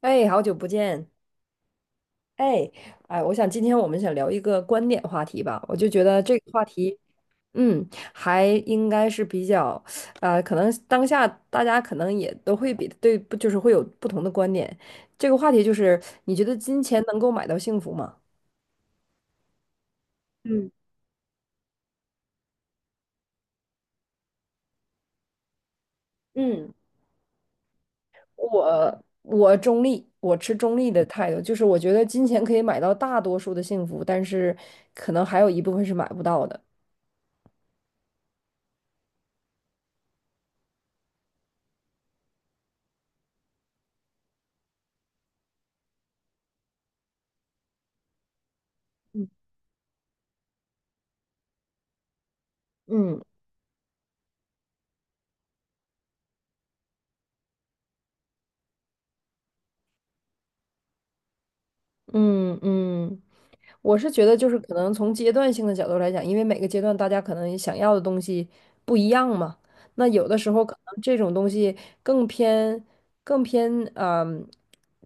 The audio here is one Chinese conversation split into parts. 哎，好久不见！哎，我想今天我们想聊一个观点话题吧，我就觉得这个话题，嗯，还应该是比较，呃，可能当下大家可能也都会比对，不就是会有不同的观点。这个话题就是，你觉得金钱能够买到幸福吗？嗯我中立，我持中立的态度，就是我觉得金钱可以买到大多数的幸福，但是可能还有一部分是买不到的。嗯，嗯嗯嗯。我是觉得，就是可能从阶段性的角度来讲，因为每个阶段大家可能想要的东西不一样嘛。那有的时候可能这种东西更偏、更偏，嗯，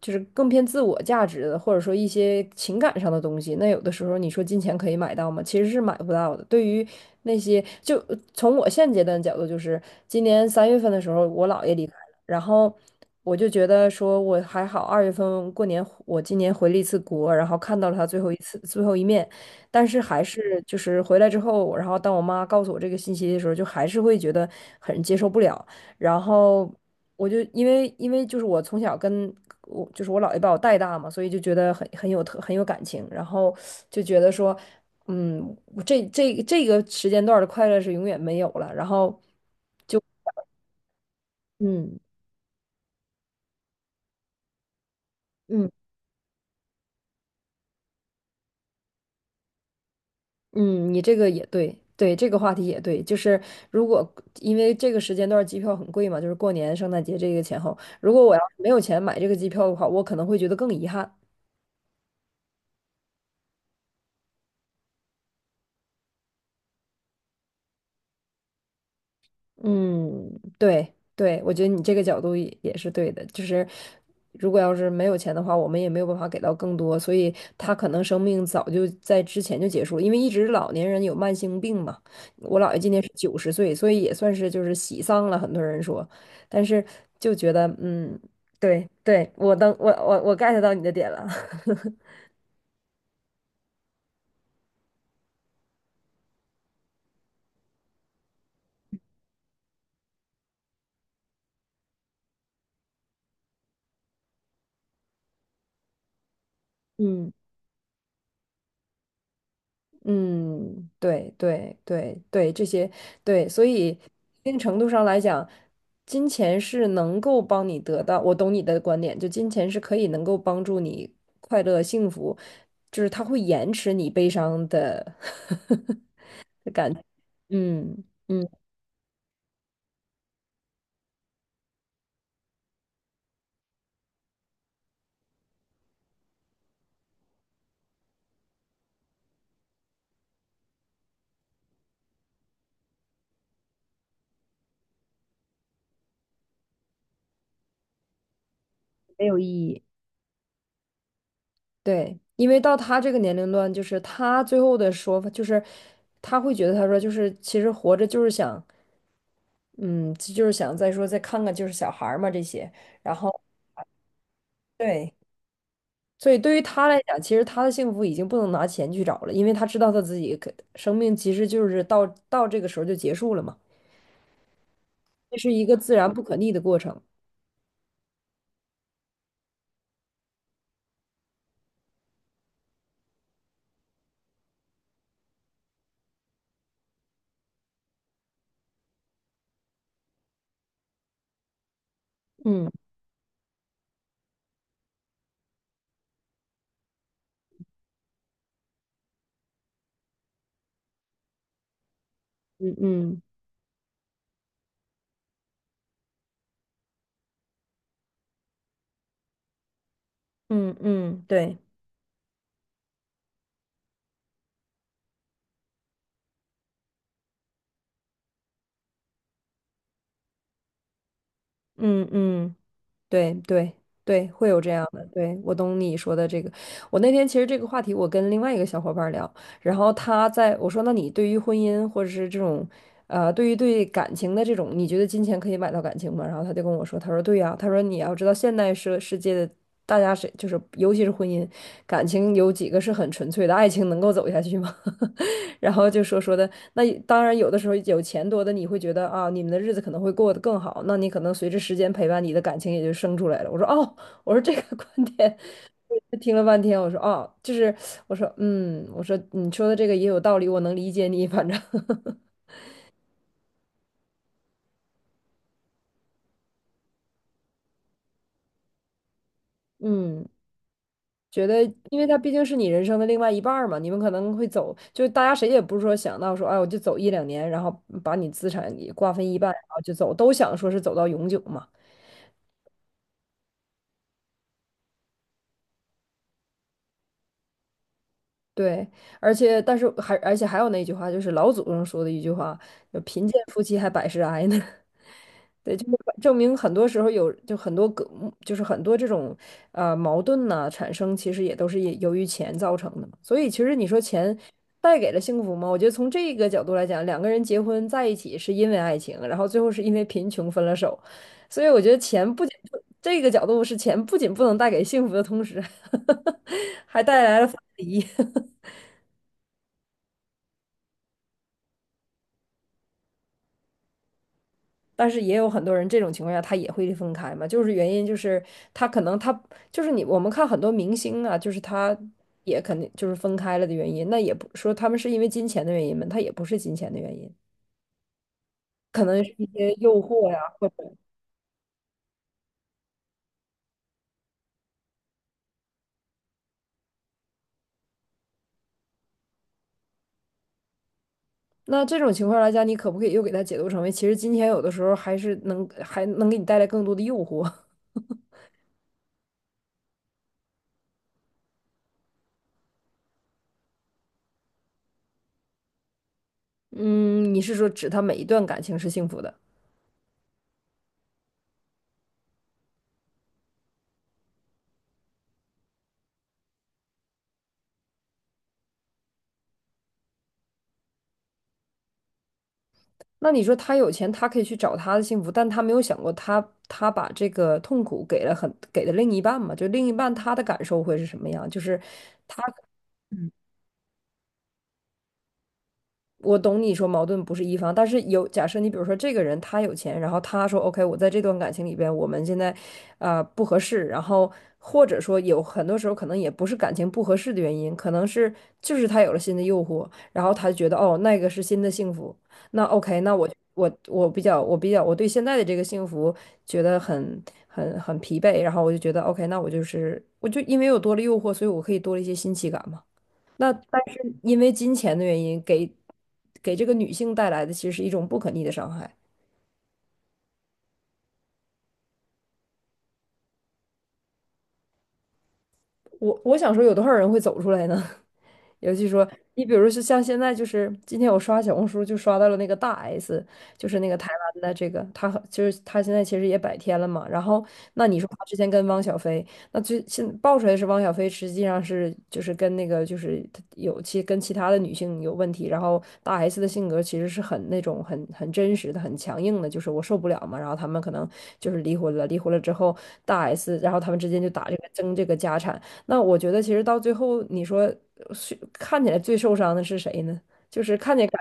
就是更偏自我价值的，或者说一些情感上的东西。那有的时候你说金钱可以买到吗？其实是买不到的。对于那些，就从我现阶段的角度，就是今年三月份的时候，我姥爷离。然后我就觉得说，我还好，二月份过年我今年回了一次国，然后看到了他最后一面，但是还是就是回来之后，然后当我妈告诉我这个信息的时候，就还是会觉得很接受不了。然后我就因为因为就是我从小跟我就是我姥爷把我带大嘛，所以就觉得很有感情，然后就觉得说，嗯，我这个时间段儿的快乐是永远没有了。然后就嗯嗯。嗯，你这个也对，对，这个话题也对，就是如果因为这个时间段儿机票很贵嘛，就是过年、圣诞节这个前后，如果我要是没有钱买这个机票的话，我可能会觉得更遗憾。嗯，对对，我觉得你这个角度也是对的。就是如果要是没有钱的话，我们也没有办法给到更多，所以他可能生命早就在之前就结束了。因为一直老年人有慢性病嘛，我姥爷今年是九十岁，所以也算是就是喜丧了。很多人说，但是就觉得嗯，对对，我当我我我 get 到你的点了，嗯。嗯，对对对对，这些对，所以一定程度上来讲，金钱是能够帮你得到，我懂你的观点，就金钱是能够帮助你快乐幸福，就是他会延迟你悲伤的 的感觉，嗯嗯，没有意义。对，因为到他这个年龄段，就是他最后的说法，就是他会觉得他说就是其实活着就是想，嗯，就是想再说再看看就是小孩儿嘛这些，然后。对，所以对于他来讲，其实他的幸福已经不能拿钱去找了，因为他知道他自己可生命其实就是到这个时候就结束了嘛，这是一个自然不可逆的过程。嗯嗯嗯嗯嗯，对，嗯嗯对对对，会有这样的。对，我懂你说的这个。我那天其实这个话题，我跟另外一个小伙伴聊，然后他在我说，那你对于婚姻或者是这种，呃，对于对感情的这种，你觉得金钱可以买到感情吗？然后他就跟我说，他说对呀，他说你要知道现代社世界的大家是就是尤其是婚姻感情有几个是很纯粹的，爱情能够走下去吗？然后就说说的，那也当然有的时候有钱多的你会觉得啊，你们的日子可能会过得更好，那你可能随着时间陪伴，你的感情也就生出来了。我说哦，我说这个观点，我听了半天，我说哦，就是我说嗯，我说你说的这个也有道理，我能理解你，反正 嗯，觉得因为他毕竟是你人生的另外一半儿嘛，你们可能会走，就是大家谁也不是说想到说，哎，我就走一两年，然后把你资产也瓜分一半，然后就走，都想说是走到永久嘛。对，而且还有那句话，就是老祖宗说的一句话，就贫贱夫妻还百事哀呢。对，就是证明很多时候很多个，就是很多这种呃矛盾呢、产生，其实也都是也由于钱造成的嘛所以其实你说钱带给了幸福吗？我觉得从这个角度来讲，两个人结婚在一起是因为爱情，然后最后是因为贫穷分了手。所以我觉得钱不仅这个角度是钱不仅不能带给幸福的同时，还带来了分离。但是也有很多人这种情况下他也会分开嘛，就是原因就是他可能他就是我们看很多明星啊，就是他也肯定就是分开了的原因，那也不说他们是因为金钱的原因嘛，他也不是金钱的原因，可能是一些诱惑呀，或者那这种情况来讲，你可不可以又给他解读成为其实金钱有的时候还能给你带来更多的诱惑？嗯，你是说指他每一段感情是幸福的？那你说他有钱，他可以去找他的幸福，但他没有想过他把这个痛苦给了另一半嘛？就另一半他的感受会是什么样？就是我懂你说矛盾不是一方，但是有假设你比如说这个人他有钱，然后他说 OK，我在这段感情里边，我们现在呃不合适，然后或者说有很多时候可能也不是感情不合适的原因，可能是就是他有了新的诱惑，然后他觉得哦那个是新的幸福，那 OK，那我比较我对现在的这个幸福觉得很疲惫，然后我就觉得 OK，那我就因为有多了诱惑，所以我可以多了一些新奇感嘛。那但是因为金钱的原因，给这个女性带来的其实是一种不可逆的伤害。我想说，有多少人会走出来呢？尤其说，你比如说像现在，就是今天我刷小红书就刷到了那个大 S，就是那个台湾的这个，她和就是她现在其实也百天了嘛。然后那你说她之前跟汪小菲，那最现爆出来是汪小菲实际上是就是跟那个就是她有其跟其他的女性有问题，然后大 S 的性格其实是很那种很真实的、很强硬的，就是我受不了嘛。然后他们可能就是离婚了，离婚了之后大 S，然后他们之间就打这个争这个家产。那我觉得其实到最后，你说呃是看起来最受伤的是谁呢？就是看见感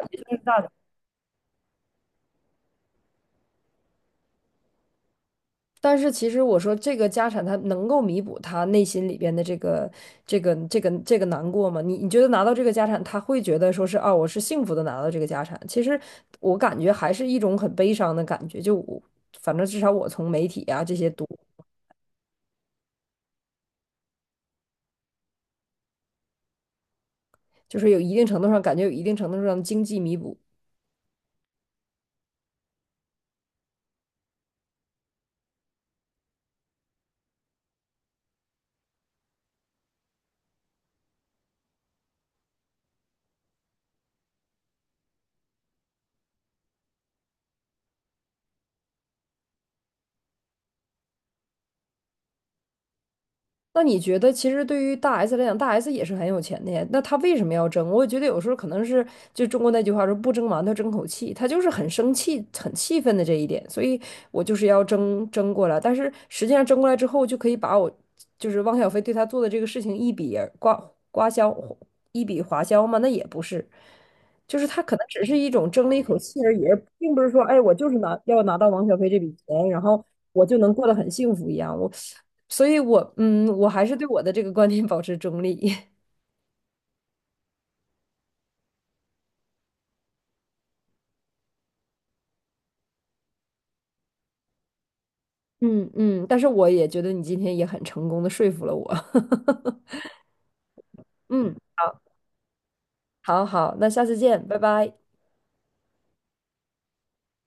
但是其实我说这个家产，他能够弥补他内心里边的这个难过吗？你觉得拿到这个家产，他会觉得说是啊，我是幸福的拿到这个家产？其实我感觉还是一种很悲伤的感觉。就我，反正至少我从媒体啊这些读，就是有一定程度上感觉有一定程度上的经济弥补。那你觉得，其实对于大 S 来讲，大 S 也是很有钱的呀。那她为什么要争？我觉得有时候可能是就中国那句话说"不争馒头争口气"，她就是很生气、很气愤的这一点，所以我就是要争过来。但是实际上争过来之后，就可以把我就是汪小菲对她做的这个事情一笔划销吗？那也不是，就是她可能只是一种争了一口气而已，而并不是说，哎，我就是拿到汪小菲这笔钱，然后我就能过得很幸福一样。所以我还是对我的这个观点保持中立。嗯嗯，但是我也觉得你今天也很成功的说服了我。嗯，好好，那下次见，拜拜。